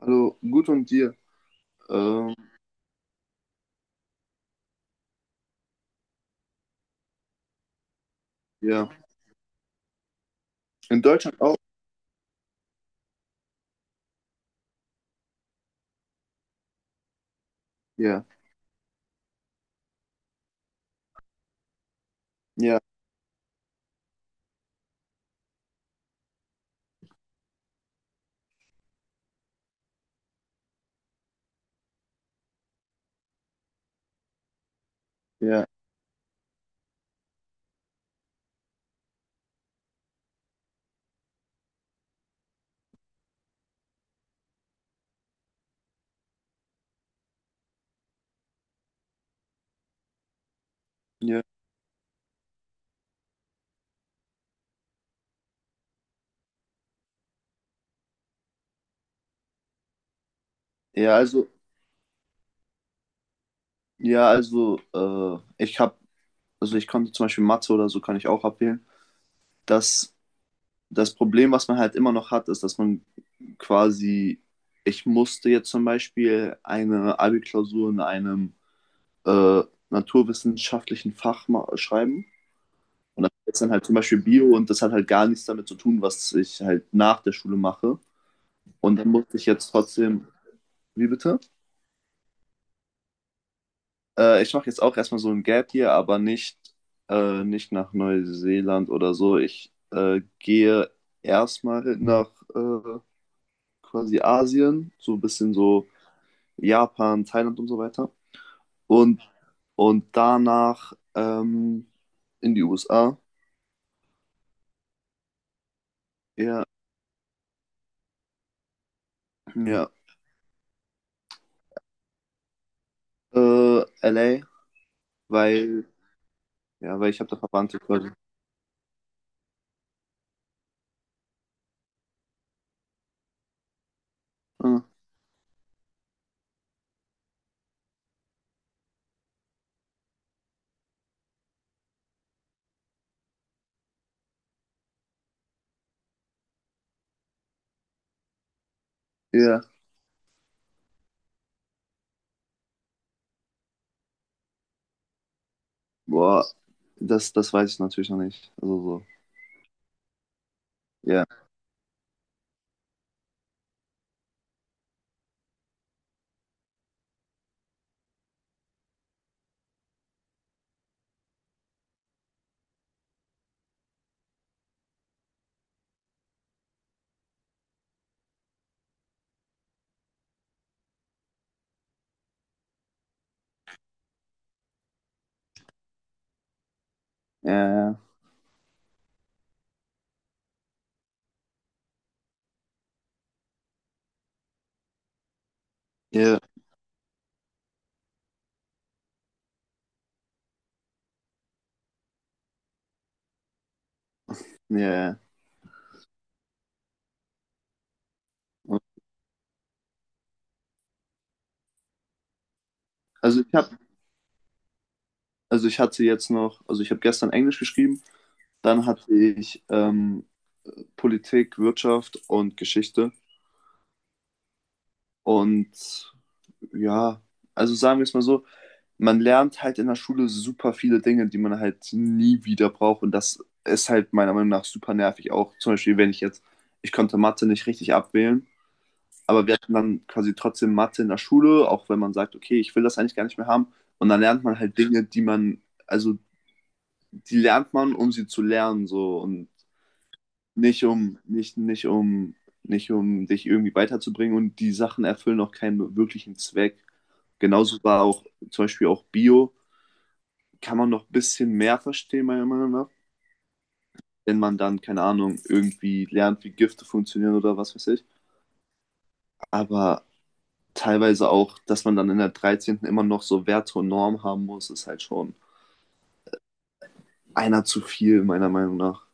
Hallo, gut und dir? Ähm, ja. In Deutschland auch? Ja, ja, ja, ja. Ja, also, ja, also, ich hab, also ich konnte zum Beispiel Mathe oder so kann ich auch abwählen. Das, das Problem, was man halt immer noch hat, ist, dass man quasi, ich musste jetzt zum Beispiel eine Abi-Klausur in einem äh, naturwissenschaftlichen Fach schreiben. Und das ist dann halt zum Beispiel Bio und das hat halt gar nichts damit zu tun, was ich halt nach der Schule mache. Und dann musste ich jetzt trotzdem. Wie bitte? Ich mache jetzt auch erstmal so ein Gap hier, aber nicht nach Neuseeland oder so. Ich gehe erstmal nach quasi Asien, so ein bisschen so Japan, Thailand und so weiter. Und, und danach in die USA. Ja, ja. LA, weil, ja, weil ich habe da Verwandte quasi. Ah, ja, boah, das weiß ich natürlich noch nicht. Also so, ja, ja, ja. Ja, ja. Ja, ja. Also ich habe, also ich habe gestern Englisch geschrieben, dann hatte ich Politik, Wirtschaft und Geschichte. Und ja, also sagen wir es mal so, man lernt halt in der Schule super viele Dinge, die man halt nie wieder braucht. Und das ist halt meiner Meinung nach super nervig. Auch zum Beispiel, wenn ich jetzt, ich konnte Mathe nicht richtig abwählen, aber wir hatten dann quasi trotzdem Mathe in der Schule, auch wenn man sagt, okay, ich will das eigentlich gar nicht mehr haben. Und dann lernt man halt Dinge, also die lernt man, um sie zu lernen, so und nicht um, nicht, nicht um, nicht um dich irgendwie weiterzubringen und die Sachen erfüllen auch keinen wirklichen Zweck. Genauso war auch zum Beispiel auch Bio, kann man noch ein bisschen mehr verstehen, meiner Meinung nach, wenn man dann, keine Ahnung, irgendwie lernt, wie Gifte funktionieren oder was weiß ich. Aber teilweise auch, dass man dann in der 13. immer noch so Werte und Normen haben muss, ist halt schon einer zu viel, meiner Meinung nach.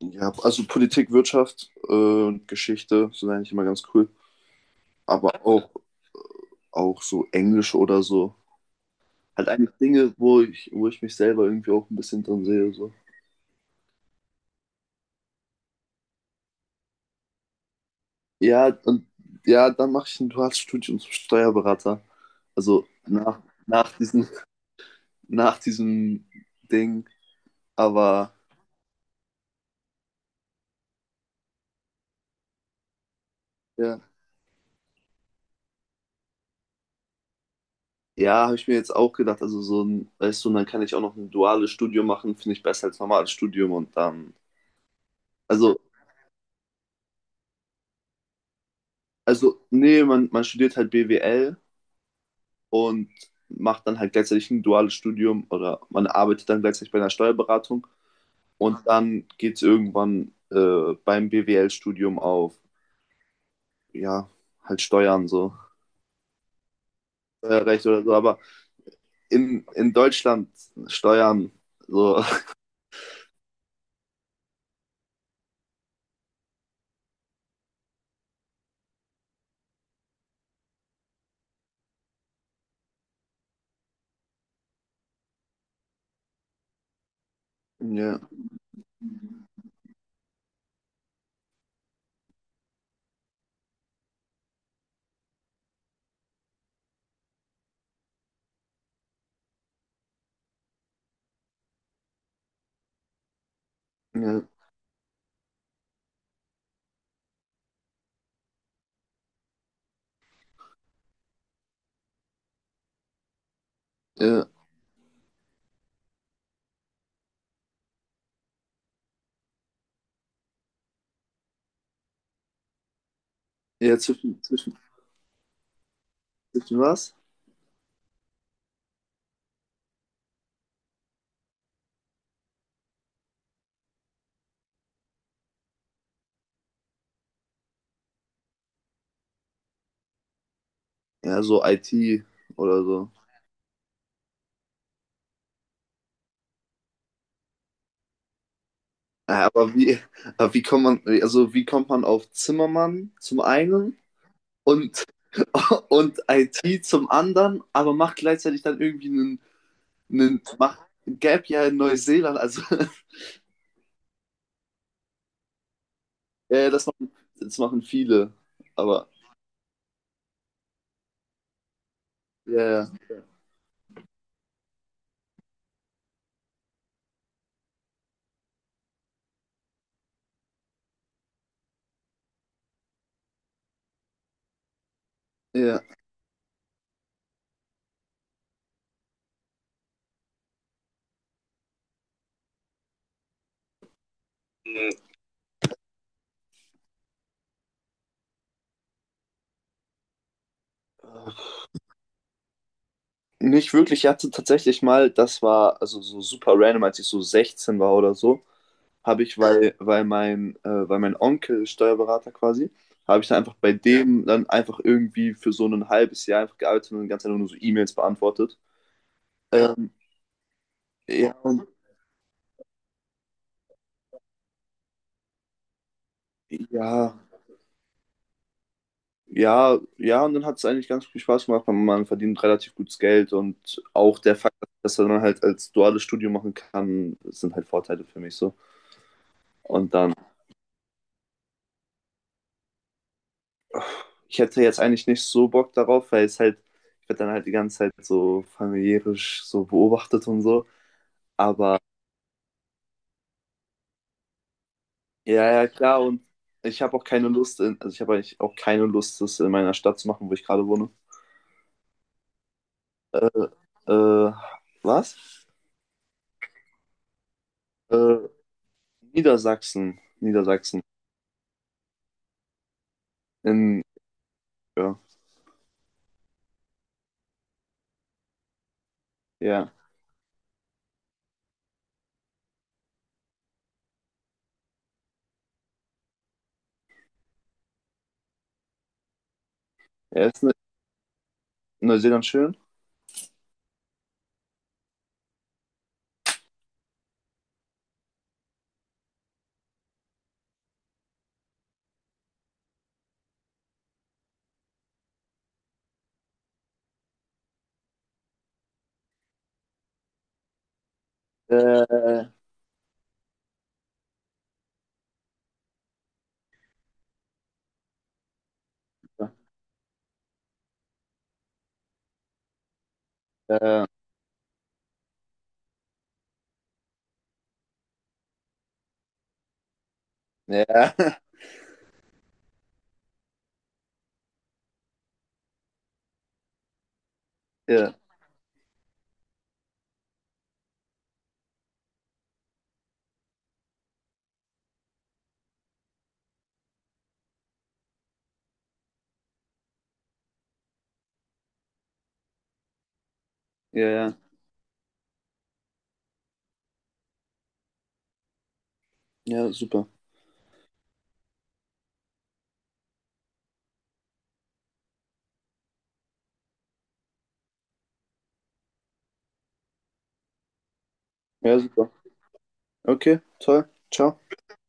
Ja, also Politik, Wirtschaft und Geschichte sind eigentlich immer ganz cool. Aber auch so Englisch oder so. Halt eigentlich Dinge, wo ich mich selber irgendwie auch ein bisschen drin sehe. So. Ja, und ja, dann mache ich ein duales Studium zum Steuerberater. Also nach diesem, nach diesem Ding. Aber ja, ja habe ich mir jetzt auch gedacht, also so ein, weißt du, und dann kann ich auch noch ein duales Studium machen, finde ich besser als normales Studium und dann. Also, nee, man studiert halt BWL und macht dann halt gleichzeitig ein duales Studium oder man arbeitet dann gleichzeitig bei einer Steuerberatung und dann geht es irgendwann beim BWL-Studium auf, ja, halt Steuern so, Steuerrecht oder so, aber in Deutschland Steuern so, ja, ja, ja, ja zwischen, was? Ja, so IT oder so. Ja, also wie kommt man auf Zimmermann zum einen und, und IT zum anderen, aber macht gleichzeitig dann irgendwie einen macht ein Gap Year in Neuseeland. Also ja, das machen viele. Aber ja, ja, ja. Nicht wirklich. Ich hatte tatsächlich mal, das war also so super random, als ich so 16 war oder so, habe ich, weil, weil mein Onkel Steuerberater quasi, habe ich dann einfach bei dem dann einfach irgendwie für so ein halbes Jahr einfach gearbeitet und die ganze Zeit nur so E-Mails beantwortet. Ähm, ja, und ja, ja, ja, und dann hat es eigentlich ganz viel Spaß gemacht. Man verdient relativ gutes Geld und auch der Fakt, dass man halt als duales Studium machen kann, sind halt Vorteile für mich so. Und dann, ich hätte jetzt eigentlich nicht so Bock darauf, ich werde dann halt die ganze Zeit so familiärisch so beobachtet und so. Aber ja, ja, klar, und ich habe auch keine Lust, also ich habe eigentlich auch keine Lust, das in meiner Stadt zu machen, wo ich gerade wohne. Äh, äh, Was? Äh, Niedersachsen. Niedersachsen. In, ja, ja. Er ist in Neuseeland schön. Äh, ja. äh, ja, ja, ja, ja, ja, super. Ja, super. Okay, toll. Ciao.